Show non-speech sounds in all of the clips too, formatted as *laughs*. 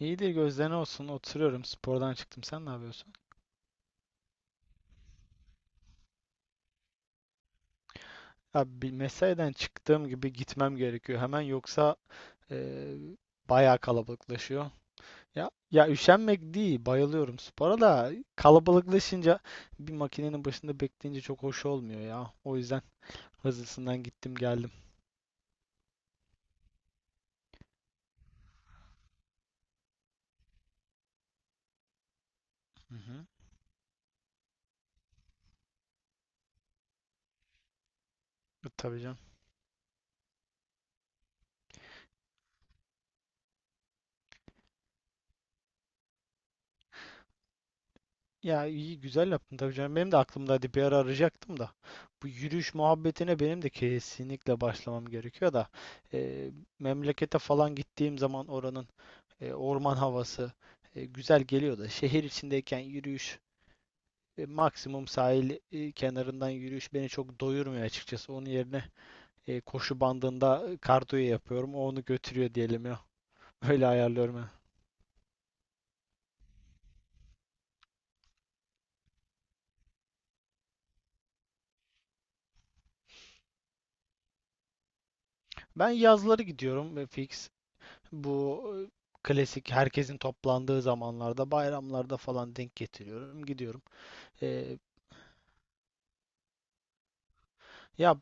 İyidir, gözlerine olsun. Oturuyorum. Spordan çıktım. Sen ne yapıyorsun? Abi bir mesaiden çıktığım gibi gitmem gerekiyor hemen, yoksa eee bayağı kalabalıklaşıyor. Ya ya, üşenmek değil. Bayılıyorum spora da, kalabalıklaşınca bir makinenin başında bekleyince çok hoş olmuyor ya. O yüzden hızlısından gittim geldim. Hı hı. Tabii canım. Ya iyi, güzel yaptın tabii canım. Benim de aklımda bir ara, arayacaktım da. Bu yürüyüş muhabbetine benim de kesinlikle başlamam gerekiyor da. e, Memlekete falan gittiğim zaman oranın orman havası güzel geliyor da. Şehir içindeyken yürüyüş, maksimum sahil kenarından yürüyüş beni çok doyurmuyor açıkçası. Onun yerine koşu bandında kardiyo yapıyorum. O onu götürüyor diyelim ya. *laughs* Öyle ayarlıyorum ya. Ben yazları gidiyorum fix. Bu klasik herkesin toplandığı zamanlarda, bayramlarda falan denk getiriyorum, gidiyorum. Ee, Ya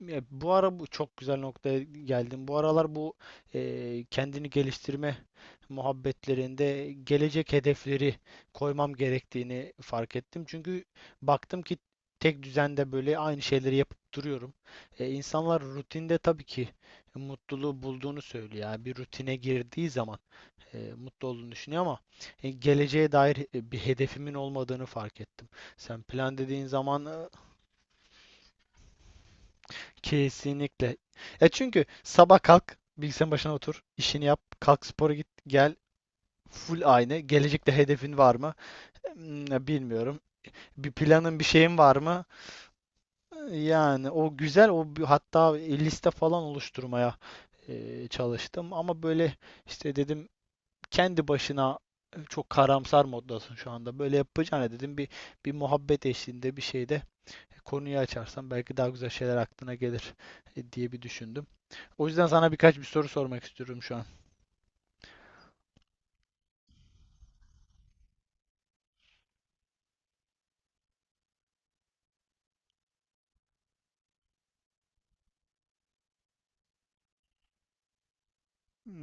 ya, bu ara bu çok güzel noktaya geldim. Bu aralar bu kendini geliştirme muhabbetlerinde gelecek hedefleri koymam gerektiğini fark ettim. Çünkü baktım ki tek düzende böyle aynı şeyleri yapıp duruyorum. E, insanlar rutinde tabii ki mutluluğu bulduğunu söylüyor. Yani bir rutine girdiği zaman mutlu olduğunu düşünüyor ama geleceğe dair bir hedefimin olmadığını fark ettim. Sen plan dediğin zaman kesinlikle. E çünkü sabah kalk, bilgisayarın başına otur, işini yap, kalk spora git, gel. Full aynı. Gelecekte hedefin var mı? Hmm. Bilmiyorum. Bir planın, bir şeyin var mı? Yani o güzel, hatta liste falan oluşturmaya çalıştım ama böyle işte, dedim, kendi başına çok karamsar moddasın şu anda. Böyle yapacağına, dedim, bir muhabbet eşliğinde bir şeyde konuyu açarsan belki daha güzel şeyler aklına gelir diye bir düşündüm. O yüzden sana birkaç bir soru sormak istiyorum şu an.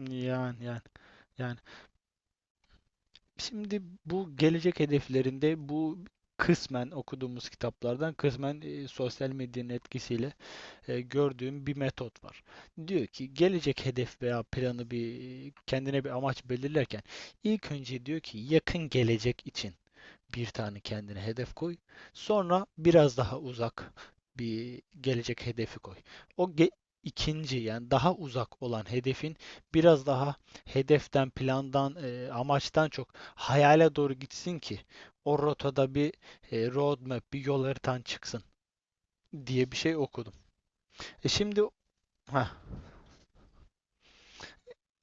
Yani yani yani. Şimdi bu gelecek hedeflerinde bu kısmen okuduğumuz kitaplardan, kısmen sosyal medyanın etkisiyle gördüğüm bir metot var. Diyor ki gelecek hedef veya planı, bir kendine bir amaç belirlerken ilk önce, diyor ki, yakın gelecek için bir tane kendine hedef koy. Sonra biraz daha uzak bir gelecek hedefi koy. O ge- ikinci yani daha uzak olan hedefin biraz daha hedeften, plandan, amaçtan çok hayale doğru gitsin ki o rotada bir roadmap, bir yol haritan çıksın diye bir şey okudum. E şimdi heh,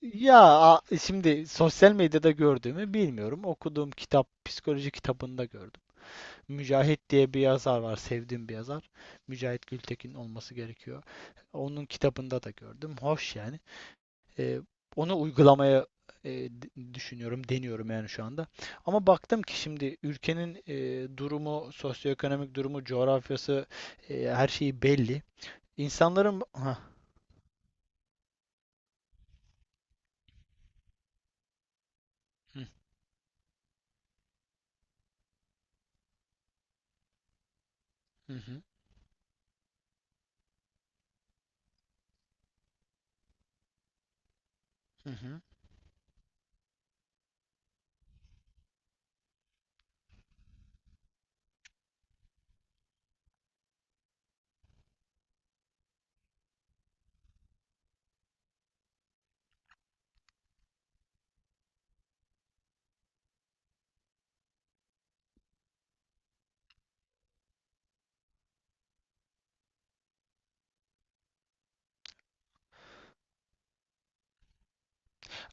ya şimdi sosyal medyada gördüğümü bilmiyorum. Okuduğum kitap, psikoloji kitabında gördüm. Mücahit diye bir yazar var, sevdiğim bir yazar. Mücahit Gültekin olması gerekiyor. Onun kitabında da gördüm. Hoş yani. Ee, Onu uygulamaya düşünüyorum, deniyorum yani şu anda. Ama baktım ki şimdi ülkenin durumu, sosyoekonomik durumu, coğrafyası, her şeyi belli. İnsanların... Hah. Hı hı, hı hı.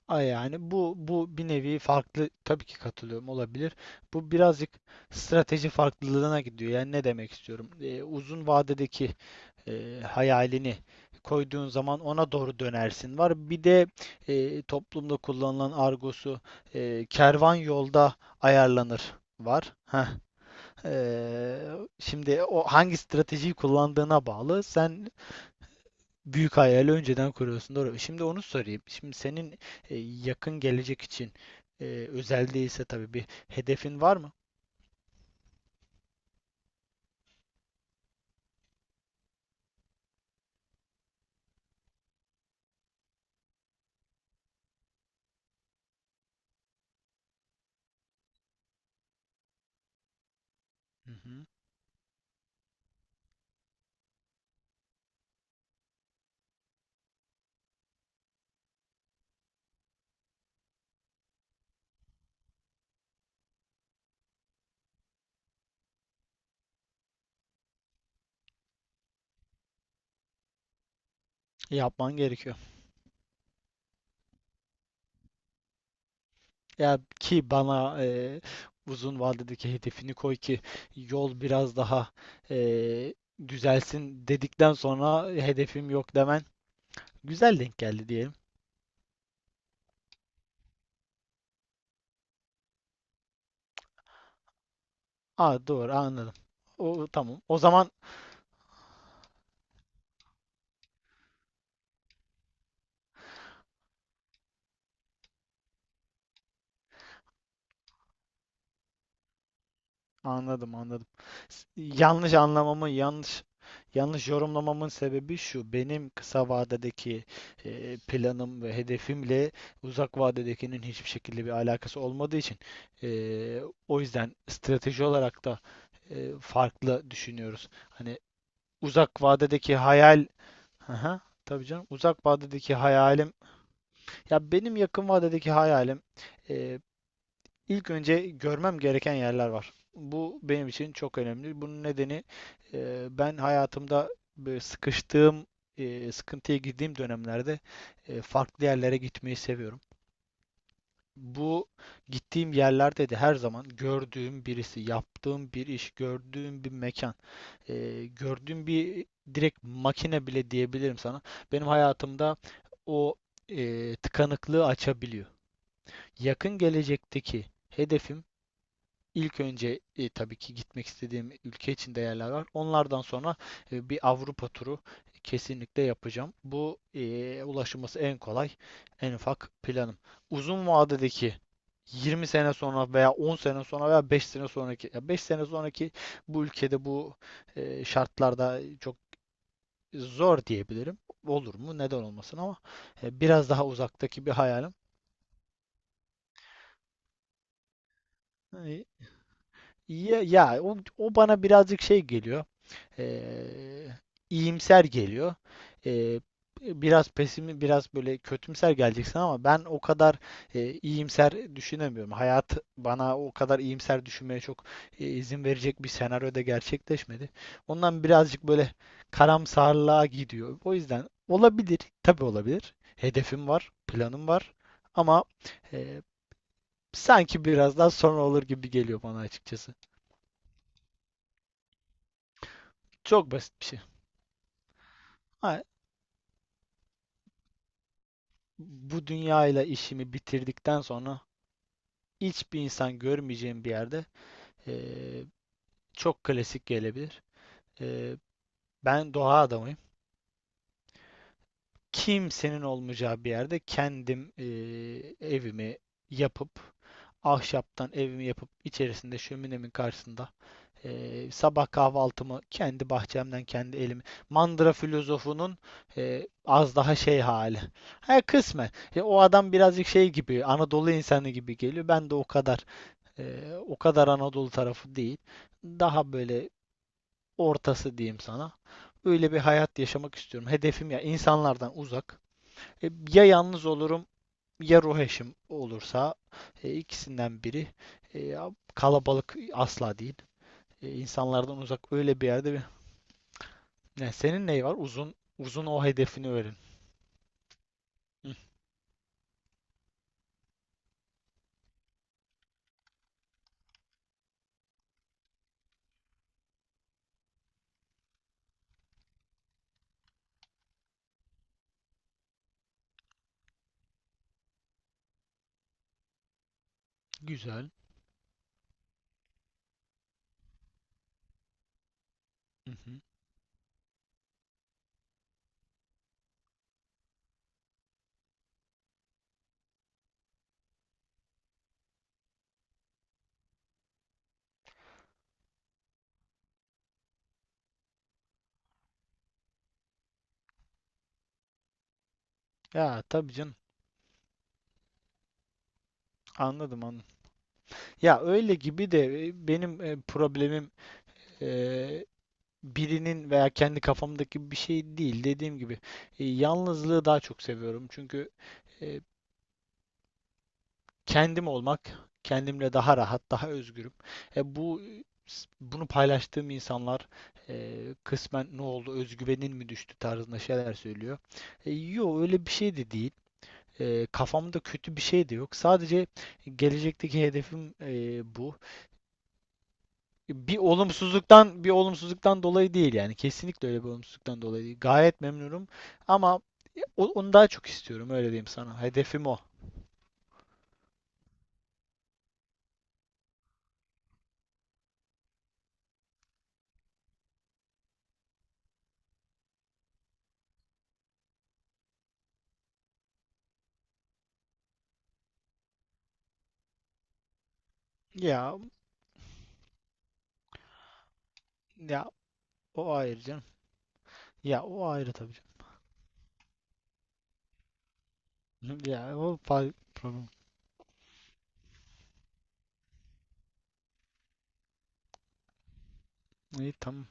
A yani bu bir nevi farklı, tabii ki katılıyorum, olabilir. Bu birazcık strateji farklılığına gidiyor. Yani ne demek istiyorum? Uzun vadedeki hayalini koyduğun zaman ona doğru dönersin var. Bir de toplumda kullanılan argosu kervan yolda ayarlanır var. Heh. Ee, Şimdi o, hangi stratejiyi kullandığına bağlı. Sen büyük hayali önceden kuruyorsun. Doğru. Şimdi onu sorayım. Şimdi senin yakın gelecek için e, özel değilse tabii, bir hedefin var mı? Hı hı. Yapman gerekiyor. Ya ki bana uzun vadedeki hedefini koy ki yol biraz daha e, düzelsin dedikten sonra hedefim yok demen güzel denk geldi diyelim. Aa, doğru anladım. O tamam. O zaman anladım, anladım. Yanlış yanlış yorumlamamın sebebi şu. Benim kısa vadedeki planım ve hedefimle uzak vadedekinin hiçbir şekilde bir alakası olmadığı için e, o yüzden strateji olarak da farklı düşünüyoruz. Hani uzak vadedeki hayal... Aha, tabii canım. Uzak vadedeki hayalim, ya benim yakın vadedeki hayalim, İlk önce görmem gereken yerler var. Bu benim için çok önemli. Bunun nedeni, ben hayatımda böyle sıkıştığım, sıkıntıya girdiğim dönemlerde farklı yerlere gitmeyi seviyorum. Bu gittiğim yerlerde de her zaman gördüğüm birisi, yaptığım bir iş, gördüğüm bir mekan, gördüğüm bir direkt makine bile diyebilirim sana. Benim hayatımda o tıkanıklığı açabiliyor. Yakın gelecekteki hedefim, İlk önce tabii ki gitmek istediğim ülke içinde yerler var. Onlardan sonra bir Avrupa turu kesinlikle yapacağım. Bu ulaşılması en kolay, en ufak planım. Uzun vadedeki 20 sene sonra veya 10 sene sonra veya 5 sene sonraki, ya 5 sene sonraki bu ülkede bu şartlarda çok zor diyebilirim. Olur mu? Neden olmasın ama biraz daha uzaktaki bir hayalim. e, Ya, ya o, o bana birazcık şey geliyor. Eee iyimser geliyor. Eee, Biraz pesimi, biraz böyle kötümser geleceksin ama ben o kadar iyimser düşünemiyorum. Hayat bana o kadar iyimser düşünmeye çok izin verecek bir senaryoda gerçekleşmedi. Ondan birazcık böyle karamsarlığa gidiyor. O yüzden olabilir, tabii olabilir. Hedefim var, planım var ama eee, sanki biraz daha sonra olur gibi geliyor bana açıkçası. Çok basit bir şey. Ha, bu dünyayla işimi bitirdikten sonra hiçbir insan görmeyeceğim bir yerde, eee, çok klasik gelebilir. Eee, Ben doğa adamıyım. Kimsenin olmayacağı bir yerde kendim, evimi yapıp, ahşaptan evimi yapıp, içerisinde şöminemin karşısında sabah kahvaltımı kendi bahçemden kendi elimi. Mandıra filozofunun az daha şey hali. Ha, kısmen. E, o adam birazcık şey gibi, Anadolu insanı gibi geliyor. Ben de o kadar Anadolu tarafı değil. Daha böyle ortası diyeyim sana. Öyle bir hayat yaşamak istiyorum. Hedefim, ya insanlardan uzak. E, ya yalnız olurum ya ruh eşim olursa, ikisinden biri. E, kalabalık asla değil. E, insanlardan uzak öyle bir yerde bir. Ne, senin neyi var? Uzun uzun o hedefini öğren. Hı, güzel. Hı hı. Ya tabii canım. Anladım, anladım. Ya öyle gibi de, benim problemim e, birinin veya kendi kafamdaki bir şey değil. Dediğim gibi, yalnızlığı daha çok seviyorum. Çünkü e, kendim olmak, kendimle daha rahat, daha özgürüm. E bu, bunu paylaştığım insanlar kısmen ne oldu, özgüvenin mi düştü tarzında şeyler söylüyor. E, yo, öyle bir şey de değil. E, kafamda kötü bir şey de yok. Sadece gelecekteki hedefim bu. Bir olumsuzluktan dolayı değil yani. Kesinlikle öyle bir olumsuzluktan dolayı değil. Gayet memnunum ama e, o- onu daha çok istiyorum, öyle diyeyim sana. Hedefim o. Ya ya o ayrı canım. Ya o ayrı tabii canım. Problem. İyi, tamam.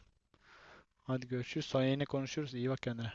Hadi görüşürüz. Sonra yine konuşuruz. İyi bak kendine.